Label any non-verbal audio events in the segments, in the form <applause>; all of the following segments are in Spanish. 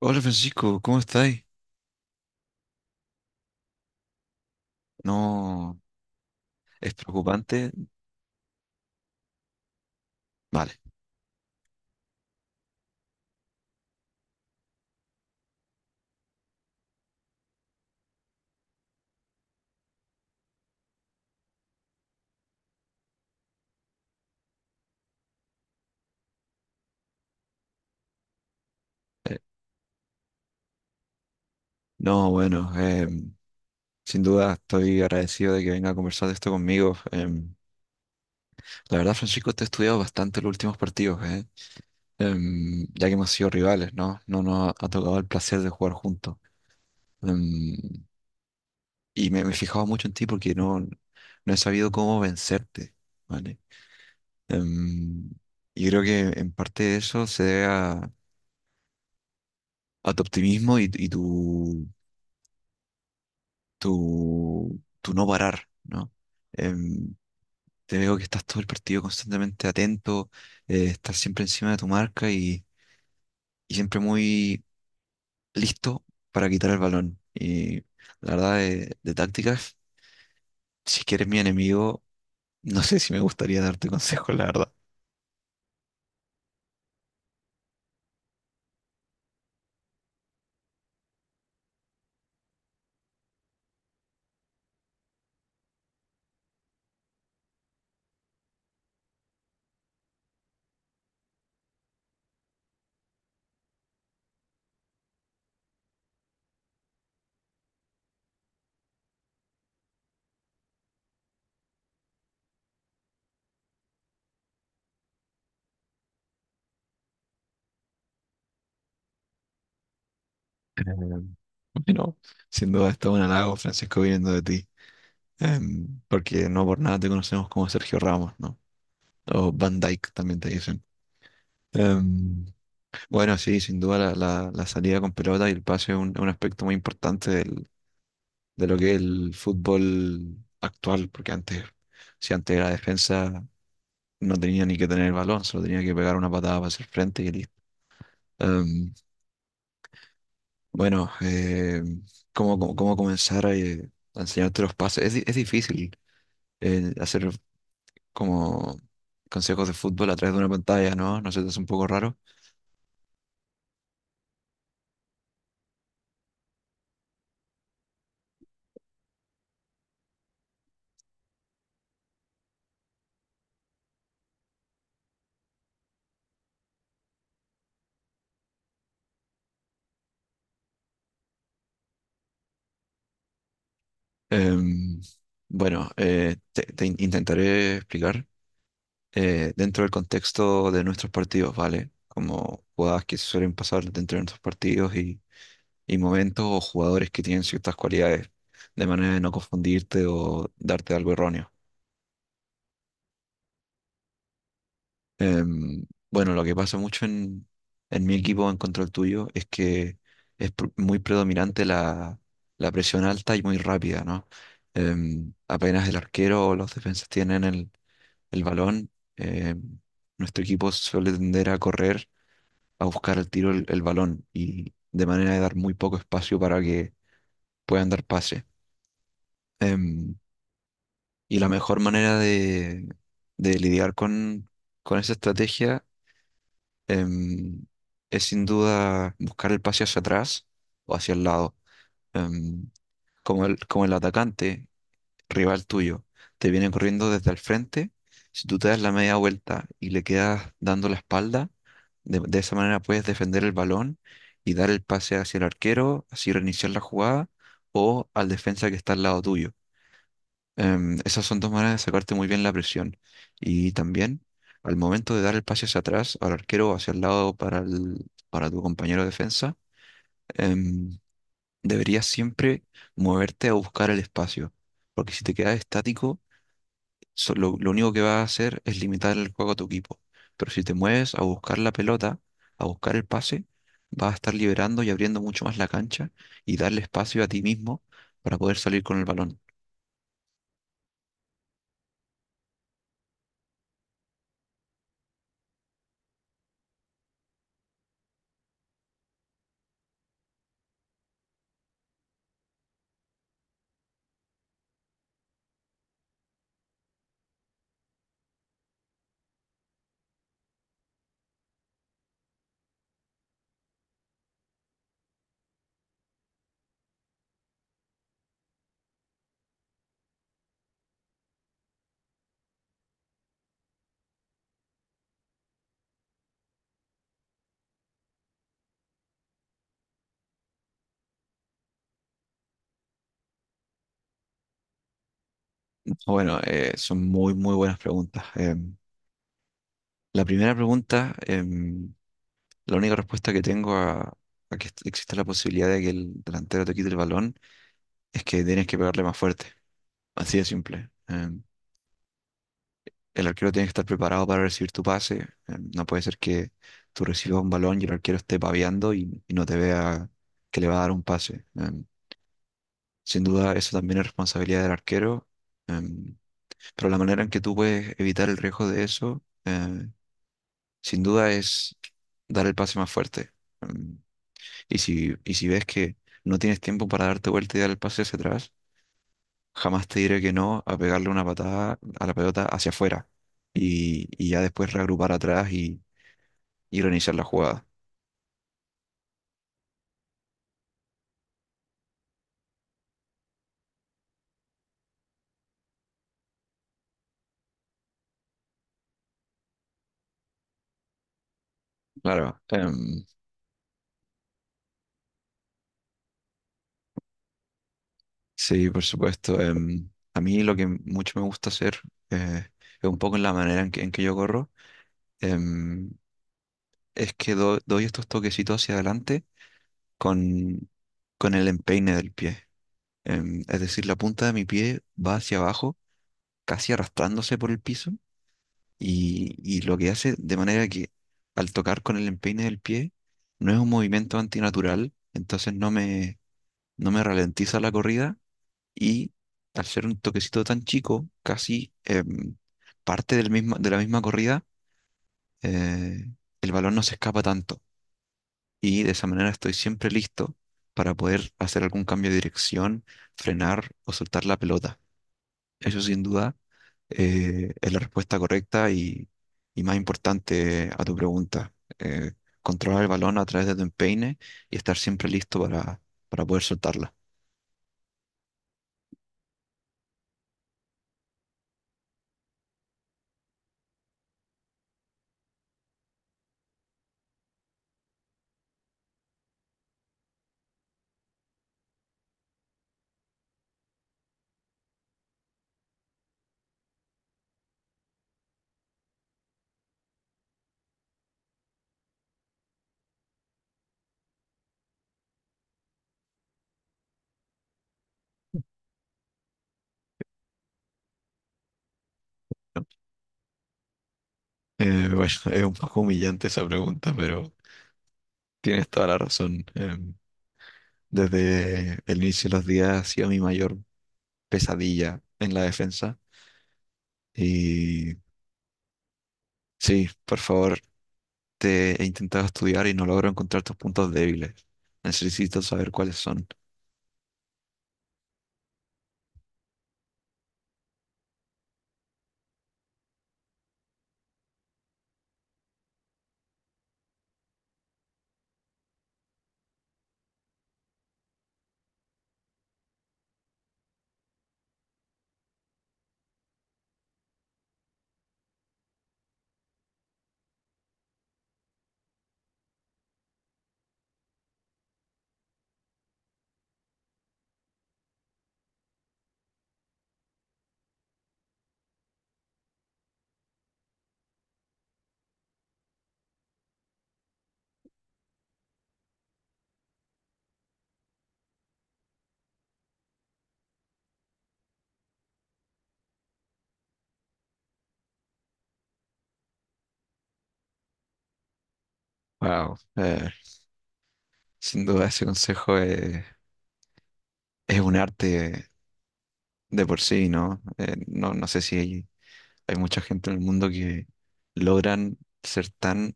Hola Francisco, ¿cómo estáis? No, es preocupante. Vale. Eh, no, bueno, sin duda estoy agradecido de que venga a conversar de esto conmigo. La verdad, Francisco, te he estudiado bastante los últimos partidos, ¿eh? Ya que hemos sido rivales, ¿no? No nos ha tocado el placer de jugar juntos. Em, y me he fijado mucho en ti porque no he sabido cómo vencerte, ¿vale? Em, y creo que en parte de eso se debe a tu optimismo y tu, tu no parar, ¿no? Em, Te veo que estás todo el partido constantemente atento, estás siempre encima de tu marca y siempre muy listo para quitar el balón. Y la verdad, de tácticas, si quieres mi enemigo, <laughs> no sé si me gustaría darte <laughs> consejos, la verdad. Em, bueno, sin duda, esto es un halago, Francisco, viniendo de ti. Porque no por nada te conocemos como Sergio Ramos, ¿no? O Van Dyke también te dicen. Em, bueno, sí, sin duda la, la salida con pelota y el pase es un aspecto muy importante de lo que es el fútbol actual, porque antes, si antes la defensa no tenía ni que tener el balón, solo tenía que pegar una patada para hacer frente y listo. Em, bueno, ¿cómo, cómo, cómo comenzar a enseñarte los pases? Es, es difícil hacer como consejos de fútbol a través de una pantalla, ¿no? No sé, es un poco raro. Em, bueno, te, intentaré explicar dentro del contexto de nuestros partidos, ¿vale? Como jugadas que suelen pasar dentro de nuestros partidos y momentos o jugadores que tienen ciertas cualidades, de manera de no confundirte o darte algo erróneo. Em, bueno, lo que pasa mucho en mi equipo en contra el tuyo es que es muy predominante la, la presión alta y muy rápida, ¿no? Apenas el arquero o los defensas tienen el balón, em, nuestro equipo suele tender a correr, a buscar al tiro el balón y de manera de dar muy poco espacio para que puedan dar pase. Em, y la mejor manera de lidiar con esa estrategia em, es sin duda buscar el pase hacia atrás o hacia el lado. Em, Como el, como el atacante rival tuyo te viene corriendo desde el frente, si tú te das la media vuelta y le quedas dando la espalda, de esa manera puedes defender el balón y dar el pase hacia el arquero, así reiniciar la jugada o al defensa que está al lado tuyo. Esas son dos maneras de sacarte muy bien la presión. Y también, al momento de dar el pase hacia atrás, al arquero o hacia el lado para, para tu compañero de defensa, em, deberías siempre moverte a buscar el espacio. Porque si te quedas estático, lo único que vas a hacer es limitar el juego a tu equipo. Pero si te mueves a buscar la pelota, a buscar el pase, vas a estar liberando y abriendo mucho más la cancha y darle espacio a ti mismo para poder salir con el balón. Bueno, son muy, muy buenas preguntas. La primera pregunta, la única respuesta que tengo a que exista la posibilidad de que el delantero te quite el balón es que tienes que pegarle más fuerte. Así de simple. El arquero tiene que estar preparado para recibir tu pase. No puede ser que tú recibas un balón y el arquero esté paviando y no te vea que le va a dar un pase. Sin duda, eso también es responsabilidad del arquero. Em, pero la manera en que tú puedes evitar el riesgo de eso, sin duda es dar el pase más fuerte. Mm, y si ves que no tienes tiempo para darte vuelta y dar el pase hacia atrás, jamás te diré que no a pegarle una patada a la pelota hacia afuera y ya después reagrupar atrás y reiniciar la jugada. Claro, sí, por supuesto. A mí lo que mucho me gusta hacer eh, es un poco en la manera en que yo corro, em, es que doy estos toquecitos hacia adelante con, con el empeine del pie. Es decir, la punta de mi pie va hacia abajo, casi arrastrándose por el piso, y lo que hace de manera que al tocar con el empeine del pie no es un movimiento antinatural, entonces no me ralentiza la corrida y al ser un toquecito tan chico, casi parte del mismo, de la misma corrida, eh, el balón no se escapa tanto y de esa manera estoy siempre listo para poder hacer algún cambio de dirección, frenar o soltar la pelota. Eso sin duda es la respuesta correcta y más importante a tu pregunta. Eh, Controlar el balón a través de tu empeine y estar siempre listo para poder soltarla. ¿No? <laughs> Bueno, es un poco humillante esa pregunta, pero tienes toda la razón. Desde el inicio de los días ha sido mi mayor pesadilla en la defensa. Y sí, por favor, te he intentado estudiar y no logro encontrar tus puntos débiles. Necesito saber cuáles son. Wow, sin duda ese consejo es un arte de por sí, ¿no? No, no sé si hay, hay mucha gente en el mundo que logran ser tan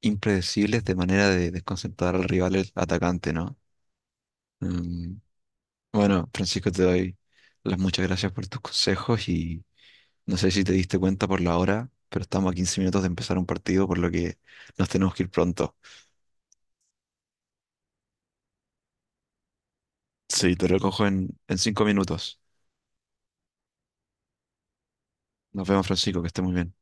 impredecibles de manera de desconcentrar al rival el atacante, ¿no? Mm, bueno, Francisco, te doy las muchas gracias por tus consejos y no sé si te diste cuenta por la hora, pero estamos a 15 minutos de empezar un partido, por lo que nos tenemos que ir pronto. Sí, te recojo en 5 minutos. Nos vemos, Francisco, que esté muy bien.